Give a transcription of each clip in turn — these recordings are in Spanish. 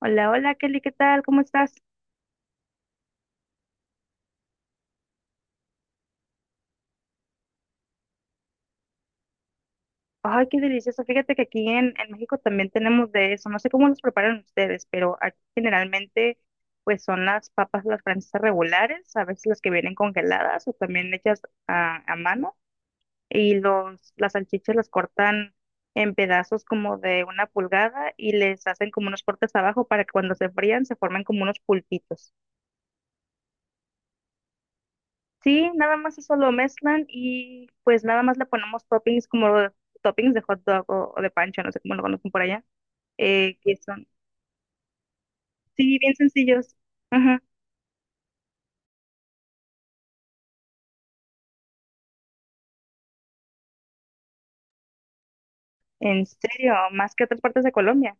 Hola, hola Kelly, ¿qué tal? ¿Cómo estás? Ay, qué delicioso. Fíjate que aquí en México también tenemos de eso. No sé cómo los preparan ustedes, pero aquí generalmente pues son las papas las francesas regulares, a veces las que vienen congeladas o también hechas a mano. Y las salchichas las cortan en pedazos como de una pulgada y les hacen como unos cortes abajo para que cuando se frían se formen como unos pulpitos. Sí, nada más eso lo mezclan y pues nada más le ponemos toppings como toppings de hot dog o de pancho, no sé cómo lo conocen por allá, eh, que son, sí, bien sencillos. Ajá. ¿En serio? Más que otras partes de Colombia.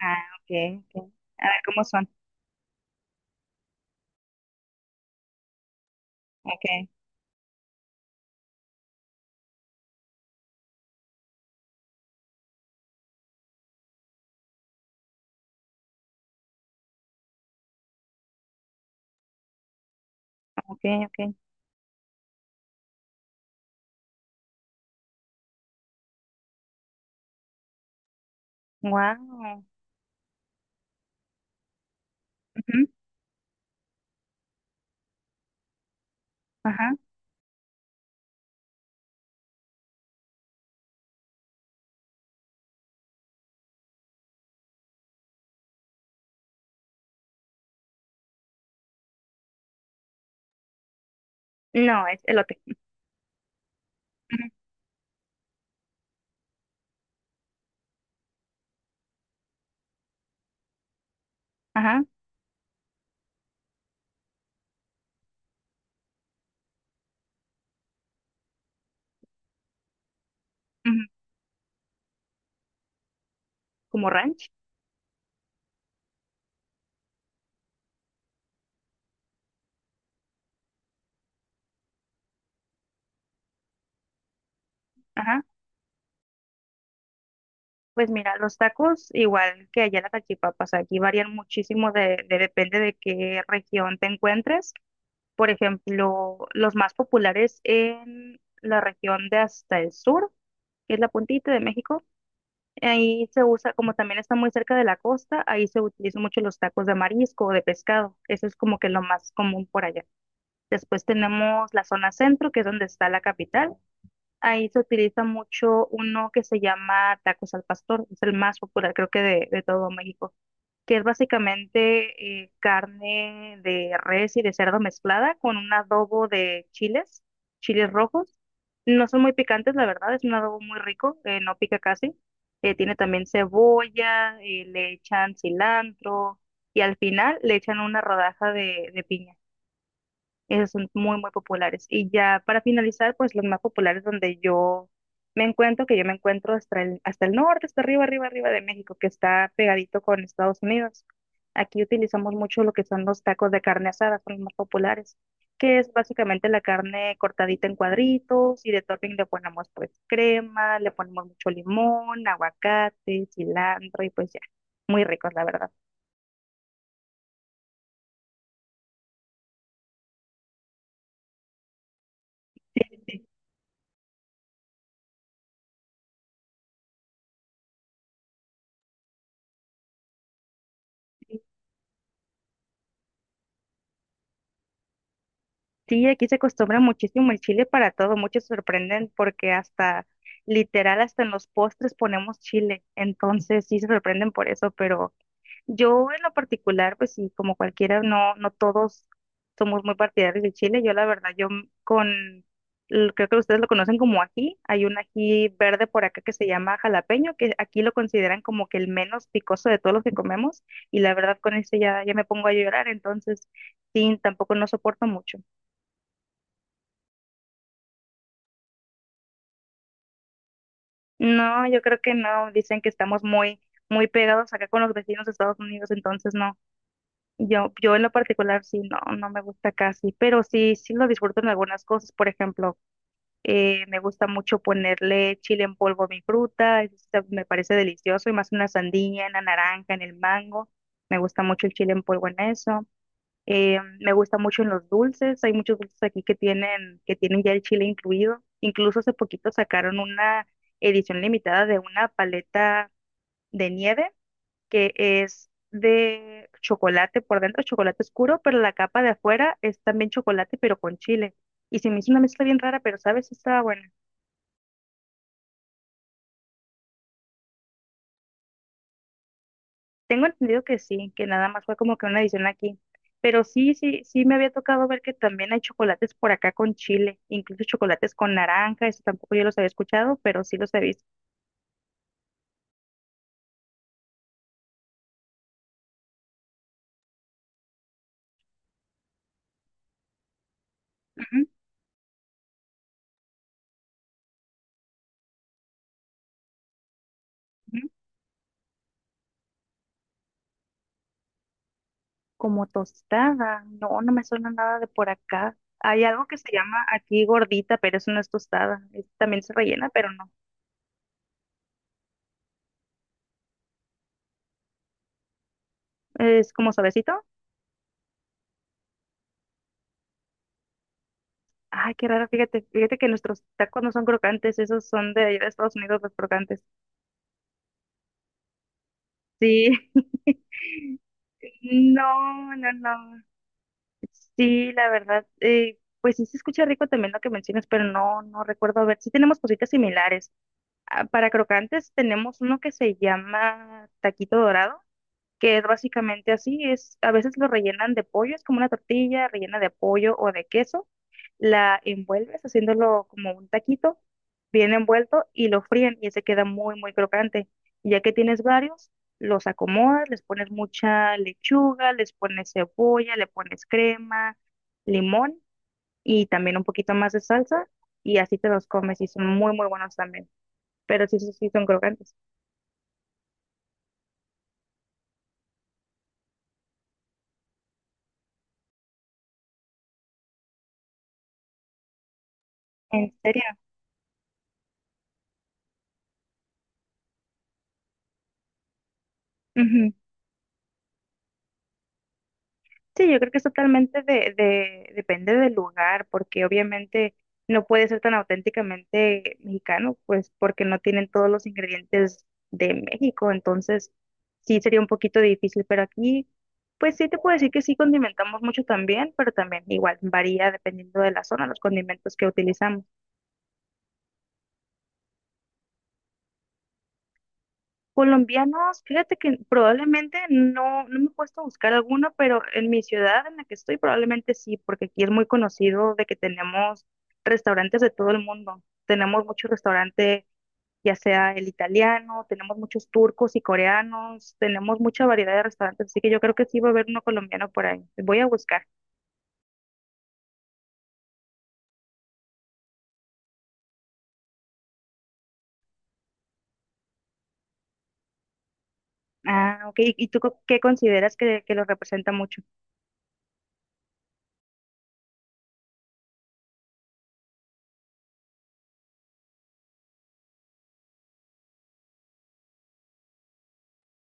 Ah, ok, ok. A ver cómo son. Ok, ok, ok. Wow. Ajá. No, es elote. Ujú. Ajá. Ujú. Como ranch. Ajá. Pues mira, los tacos, igual que allá las salchipapas, aquí varían muchísimo de, depende de qué región te encuentres. Por ejemplo, los más populares en la región de hasta el sur, que es la puntita de México, ahí se usa, como también está muy cerca de la costa, ahí se utilizan mucho los tacos de marisco o de pescado. Eso es como que lo más común por allá. Después tenemos la zona centro, que es donde está la capital. Ahí se utiliza mucho uno que se llama tacos al pastor, es el más popular creo que de todo México, que es básicamente carne de res y de cerdo mezclada con un adobo de chiles, chiles rojos. No son muy picantes, la verdad, es un adobo muy rico, no pica casi. Tiene también cebolla, le echan cilantro y al final le echan una rodaja de piña. Esos son muy, muy populares. Y ya para finalizar, pues los más populares donde yo me encuentro, que yo me encuentro hasta hasta el norte, hasta arriba, arriba, arriba de México, que está pegadito con Estados Unidos. Aquí utilizamos mucho lo que son los tacos de carne asada, son los más populares, que es básicamente la carne cortadita en cuadritos y de topping le ponemos pues crema, le ponemos mucho limón, aguacate, cilantro y pues ya, muy ricos la verdad. Sí, aquí se acostumbra muchísimo el chile para todo. Muchos se sorprenden porque hasta, literal, hasta en los postres ponemos chile. Entonces sí se sorprenden por eso, pero yo en lo particular, pues sí, como cualquiera, no, no todos somos muy partidarios del chile. Yo la verdad, yo con, creo que ustedes lo conocen como ají. Hay un ají verde por acá que se llama jalapeño, que aquí lo consideran como que el menos picoso de todos los que comemos. Y la verdad, con ese ya, ya me pongo a llorar. Entonces, sí, tampoco no soporto mucho. No, yo creo que no. Dicen que estamos muy, muy pegados acá con los vecinos de Estados Unidos, entonces no. Yo en lo particular sí, no, no me gusta casi, pero sí, sí lo disfruto en algunas cosas. Por ejemplo, me gusta mucho ponerle chile en polvo a mi fruta, me parece delicioso, y más en la sandía, en la naranja, en el mango. Me gusta mucho el chile en polvo en eso. Me gusta mucho en los dulces, hay muchos dulces aquí que tienen ya el chile incluido. Incluso hace poquito sacaron una edición limitada de una paleta de nieve que es de chocolate por dentro, chocolate oscuro, pero la capa de afuera es también chocolate, pero con chile. Y se me hizo una mezcla bien rara, pero sabes, está buena. Tengo entendido que sí, que nada más fue como que una edición aquí. Pero sí, sí, sí me había tocado ver que también hay chocolates por acá con chile, incluso chocolates con naranja, eso tampoco yo los había escuchado, pero sí los he visto. Ujú, ujú. Como tostada, no, no me suena nada de por acá. Hay algo que se llama aquí gordita, pero eso no es tostada. También se rellena, pero no. Es como suavecito. Ay, qué raro, fíjate, fíjate que nuestros tacos no son crocantes, esos son de allá de Estados Unidos los crocantes. Sí. No, no, no. Sí, la verdad, pues sí se escucha rico también lo que mencionas, pero no, no recuerdo. A ver, sí tenemos cositas similares. Ah, para crocantes tenemos uno que se llama taquito dorado, que es básicamente así, es, a veces lo rellenan de pollo, es como una tortilla rellena de pollo o de queso, la envuelves haciéndolo como un taquito, bien envuelto y lo fríen y ese queda muy, muy crocante. Y ya que tienes varios, los acomodas, les pones mucha lechuga, les pones cebolla, le pones crema, limón y también un poquito más de salsa y así te los comes y son muy, muy buenos también. Pero sí, sí, sí, son crocantes. ¿En serio? Sí, yo creo que es totalmente de, depende del lugar, porque obviamente no puede ser tan auténticamente mexicano, pues porque no tienen todos los ingredientes de México, entonces sí sería un poquito difícil, pero aquí, pues sí te puedo decir que sí condimentamos mucho también, pero también igual varía dependiendo de la zona, los condimentos que utilizamos. Colombianos, fíjate que probablemente no, no me he puesto a buscar alguno, pero en mi ciudad en la que estoy probablemente sí, porque aquí es muy conocido de que tenemos restaurantes de todo el mundo. Tenemos muchos restaurantes, ya sea el italiano, tenemos muchos turcos y coreanos, tenemos mucha variedad de restaurantes, así que yo creo que sí va a haber uno colombiano por ahí. Voy a buscar. Ah, ok. ¿Y tú qué consideras que lo representa mucho?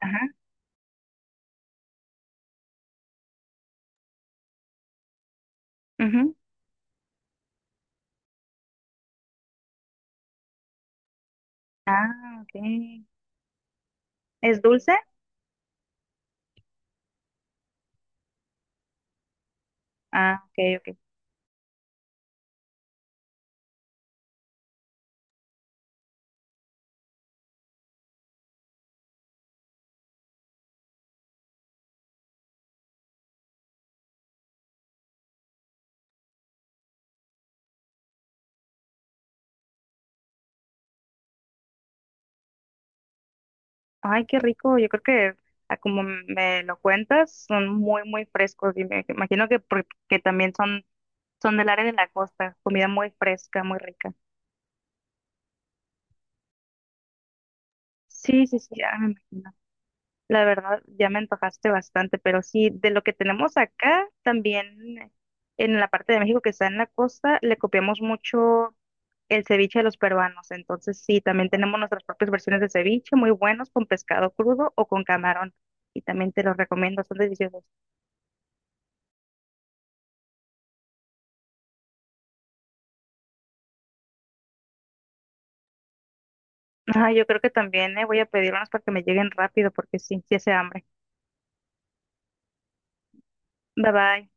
Ajá. Ujú. Ah, ok. ¿Es dulce? Ah, ok, ok. Ay, qué rico. Yo creo que a como me lo cuentas, son muy, muy frescos. Y me imagino que porque también son del área de la costa. Comida muy fresca, muy rica. Sí, sí, sí, ya me imagino. La verdad, ya me antojaste bastante, pero sí, de lo que tenemos acá, también en la parte de México que está en la costa, le copiamos mucho el ceviche de los peruanos. Entonces, sí, también tenemos nuestras propias versiones de ceviche, muy buenos, con pescado crudo o con camarón. Y también te los recomiendo, son deliciosos. Ajá, yo creo que también voy a pedir unas para que me lleguen rápido porque sí, sí hace hambre. Bye bye.